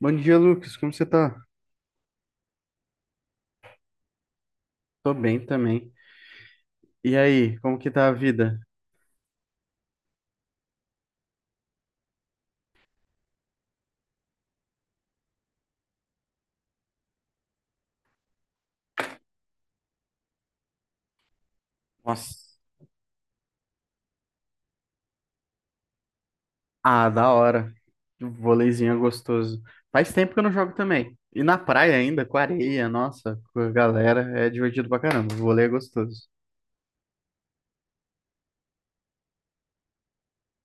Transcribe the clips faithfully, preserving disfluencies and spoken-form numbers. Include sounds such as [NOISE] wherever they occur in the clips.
Bom dia, Lucas. Como você tá? Tô bem também. E aí, como que tá a vida? Nossa. Ah, da hora. Um voleizinho é gostoso. Faz tempo que eu não jogo também. E na praia ainda, com areia, nossa, com a galera, é divertido pra caramba. Vôlei é gostoso.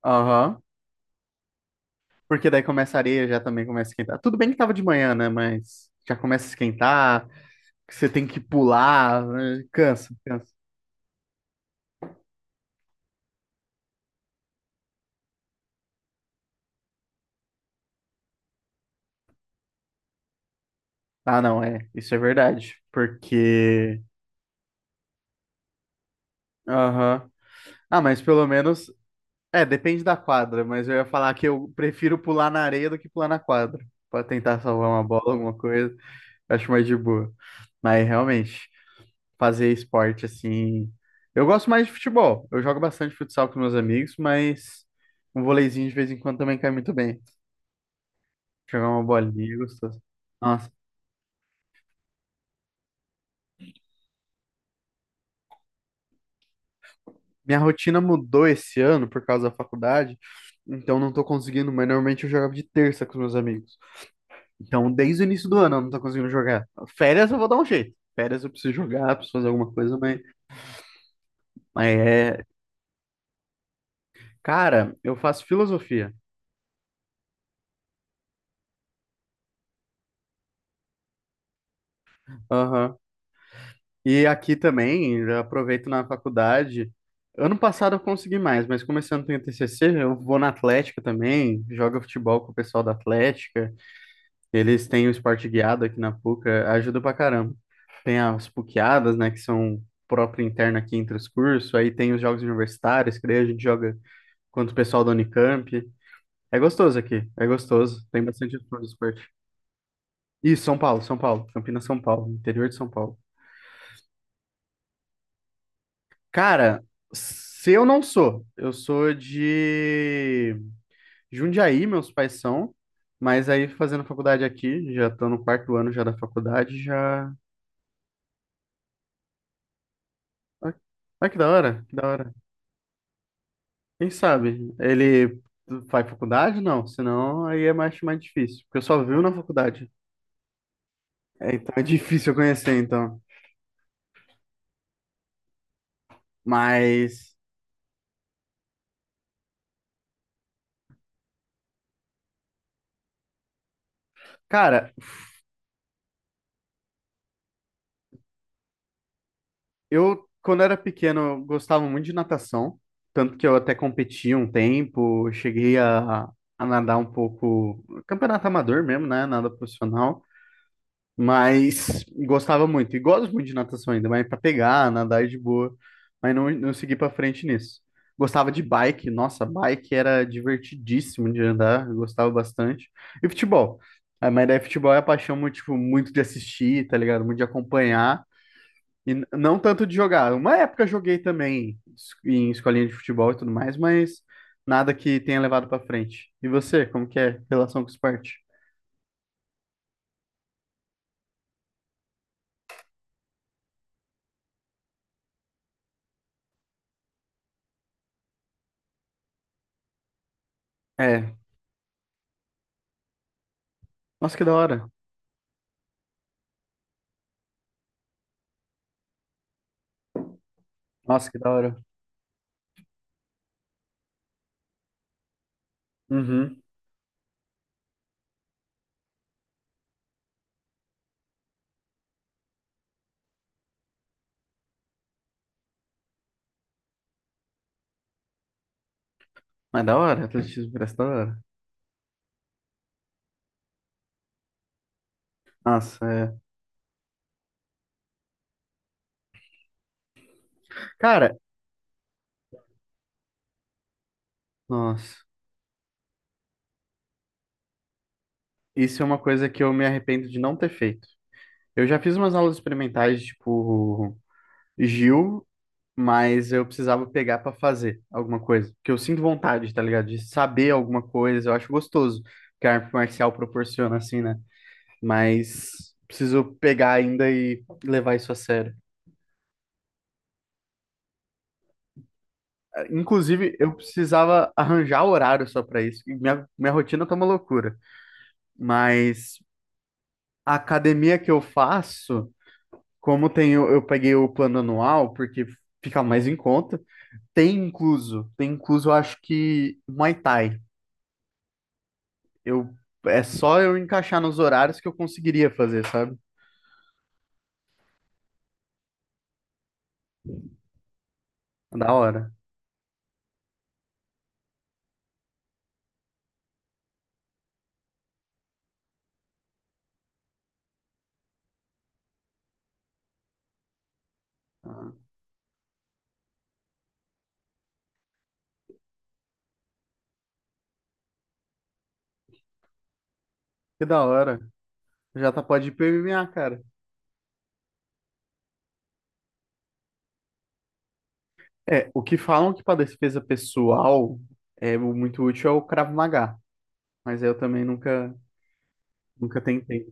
Aham. Porque daí começa a areia, já também começa a esquentar. Tudo bem que tava de manhã, né? Mas já começa a esquentar, que você tem que pular, né? Cansa, cansa. Ah, não, é. Isso é verdade. Porque. Aham. Ah, mas pelo menos é, depende da quadra, mas eu ia falar que eu prefiro pular na areia do que pular na quadra, pra tentar salvar uma bola, alguma coisa, eu acho mais de boa. Mas realmente, fazer esporte assim. Eu gosto mais de futebol, eu jogo bastante futsal com meus amigos, mas um voleizinho de vez em quando também cai muito bem. Jogar uma bolinha, é gostoso. Nossa, minha rotina mudou esse ano por causa da faculdade, então não tô conseguindo, mas normalmente eu jogava de terça com os meus amigos. Então, desde o início do ano eu não tô conseguindo jogar. Férias eu vou dar um jeito. Férias eu preciso jogar, preciso fazer alguma coisa, mas, mas é. Cara, eu faço filosofia. Aham. E aqui também, eu aproveito na faculdade. Ano passado eu consegui mais, mas começando tem o T C C, eu vou na Atlética também, jogo futebol com o pessoal da Atlética. Eles têm o esporte guiado aqui na PUC, ajuda pra caramba. Tem as PUCadas, né, que são próprio interno aqui entre os cursos, aí tem os jogos universitários, que daí a gente joga quanto o pessoal da Unicamp. É gostoso aqui, é gostoso. Tem bastante opção de esporte. Isso, São Paulo, São Paulo, Campinas, São Paulo, interior de São Paulo. Cara, se eu não sou, eu sou de Jundiaí, meus pais são, mas aí fazendo faculdade aqui, já tô no quarto ano já da faculdade, já. Ah, ah, que da hora, que da hora. Quem sabe? Ele faz faculdade? Não, senão aí é mais, mais difícil, porque eu só vivo na faculdade. É, então é difícil eu conhecer, então. Mas cara, eu, quando era pequeno, eu gostava muito de natação, tanto que eu até competi um tempo, cheguei a, a nadar um pouco, campeonato amador mesmo, né? Nada profissional, mas gostava muito, e gosto muito de natação ainda, mas pra pegar, nadar é de boa, mas não, não segui pra frente nisso. Gostava de bike, nossa, bike era divertidíssimo de andar, eu gostava bastante. E futebol, ah, mas daí futebol é a paixão muito, tipo, muito de assistir, tá ligado? Muito de acompanhar. E n- não tanto de jogar. Uma época eu joguei também es- em escolinha de futebol e tudo mais, mas nada que tenha levado pra frente. E você, como que é relação com o esporte? É. Nossa, que da hora. Nossa, que da hora. Uhum. Mas da hora, atletismo parece da hora. Nossa, é. Cara, nossa. Isso é uma coisa que eu me arrependo de não ter feito. Eu já fiz umas aulas experimentais, tipo, Gil, mas eu precisava pegar pra fazer alguma coisa. Porque eu sinto vontade, tá ligado? De saber alguma coisa, eu acho gostoso que a arte marcial proporciona, assim, né? Mas preciso pegar ainda e levar isso a sério. Ah, inclusive, eu precisava arranjar horário só pra isso. E Minha, minha rotina tá uma loucura. Mas a academia que eu faço, como tem, eu, eu peguei o plano anual, porque fica mais em conta, tem incluso, tem incluso, eu acho que Muay Thai. Eu é só eu encaixar nos horários que eu conseguiria fazer, sabe? Da hora. Que da hora. Já tá, pode ir pro M M A, cara. É, o que falam que pra defesa pessoal é o muito útil é o Krav Maga, mas eu também nunca nunca tentei.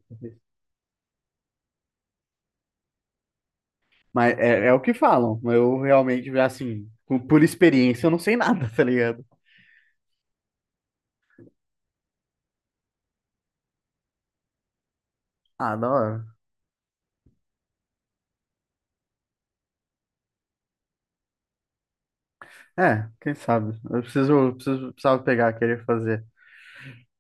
Mas é, é o que falam. Eu realmente já assim, por por experiência, eu não sei nada, [LAUGHS] tá ligado? Ah, da hora. É, quem sabe. Eu preciso, preciso, precisava pegar, querer fazer.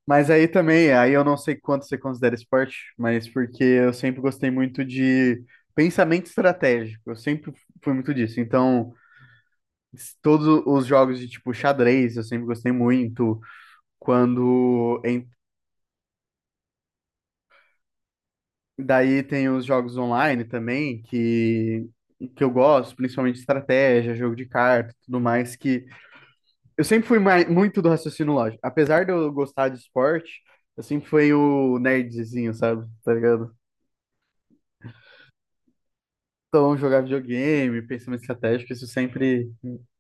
Mas aí também, aí eu não sei quanto você considera esporte, mas porque eu sempre gostei muito de pensamento estratégico, eu sempre fui muito disso. Então, s- todos os jogos de tipo xadrez, eu sempre gostei muito. Quando em- Daí tem os jogos online também que que eu gosto, principalmente estratégia, jogo de carta, tudo mais que eu sempre fui mai- muito do raciocínio lógico. Apesar de eu gostar de esporte, eu sempre fui o nerdzinho, sabe? Tá ligado? Então, jogar videogame, pensamento estratégico, isso sempre.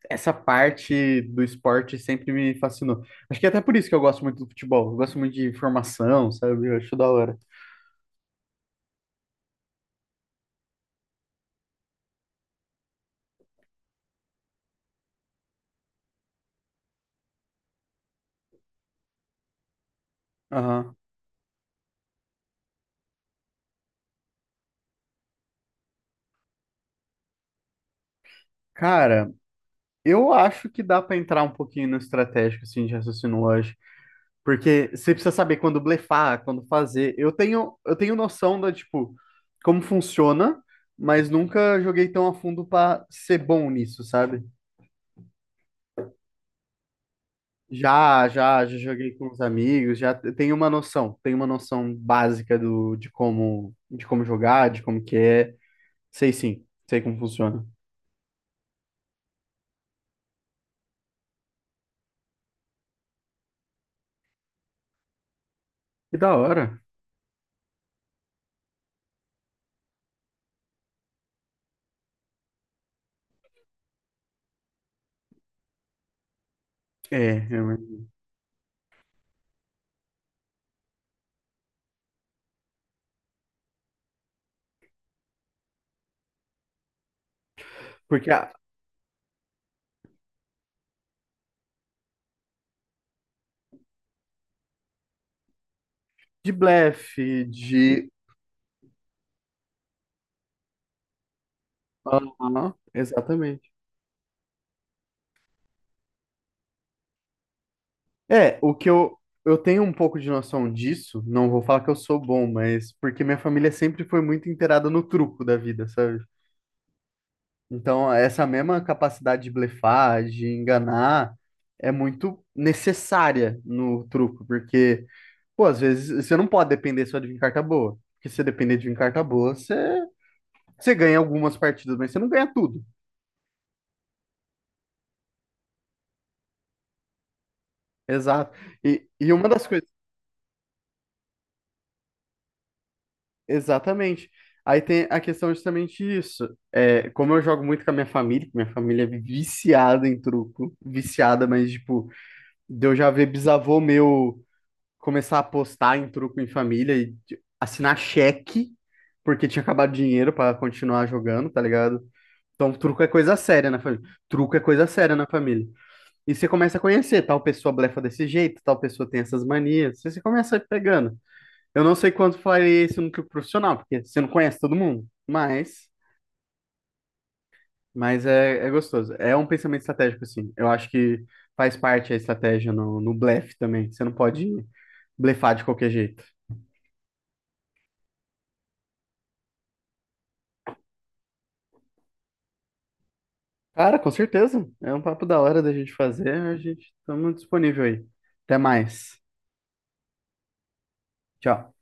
Essa parte do esporte sempre me fascinou. Acho que é até por isso que eu gosto muito do futebol. Eu gosto muito de formação, sabe? Eu acho da hora. Aham. Cara, eu acho que dá pra entrar um pouquinho no estratégico, assim, de raciocínio lógico. Porque você precisa saber quando blefar, quando fazer. Eu tenho, eu tenho noção da, tipo, como funciona, mas nunca joguei tão a fundo pra ser bom nisso, sabe? Já, já, já joguei com os amigos, já te- tenho uma noção, tenho uma noção básica do, de como, de como jogar, de como que é. Sei sim, sei como funciona. Que da hora. É, realmente. Porque a- de blefe, de. Aham, exatamente. É, o que eu, eu tenho um pouco de noção disso, não vou falar que eu sou bom, mas porque minha família sempre foi muito inteirada no truco da vida, sabe? Então, essa mesma capacidade de blefar, de enganar, é muito necessária no truco, porque, pô, às vezes você não pode depender só de vir carta boa, porque se você depender de vir carta boa, você, você ganha algumas partidas, mas você não ganha tudo. Exato. E, e uma das coisas. Exatamente. Aí tem a questão justamente disso. É, como eu jogo muito com a minha família, que minha família é viciada em truco, viciada, mas tipo, de eu já ver bisavô meu começar a apostar em truco em família e de- assinar cheque, porque tinha acabado o dinheiro pra continuar jogando, tá ligado? Então, truco é coisa séria na família. Truco é coisa séria na família. E você começa a conhecer, tal pessoa blefa desse jeito, tal pessoa tem essas manias. Você você começa pegando. Eu não sei quanto faria isso no clube profissional, porque você não conhece todo mundo, mas, mas é, é gostoso. É um pensamento estratégico, assim. Eu acho que faz parte a estratégia no, no blefe também. Você não pode blefar de qualquer jeito. Cara, com certeza. É um papo da hora da gente fazer. A gente estamos disponível aí. Até mais. Tchau.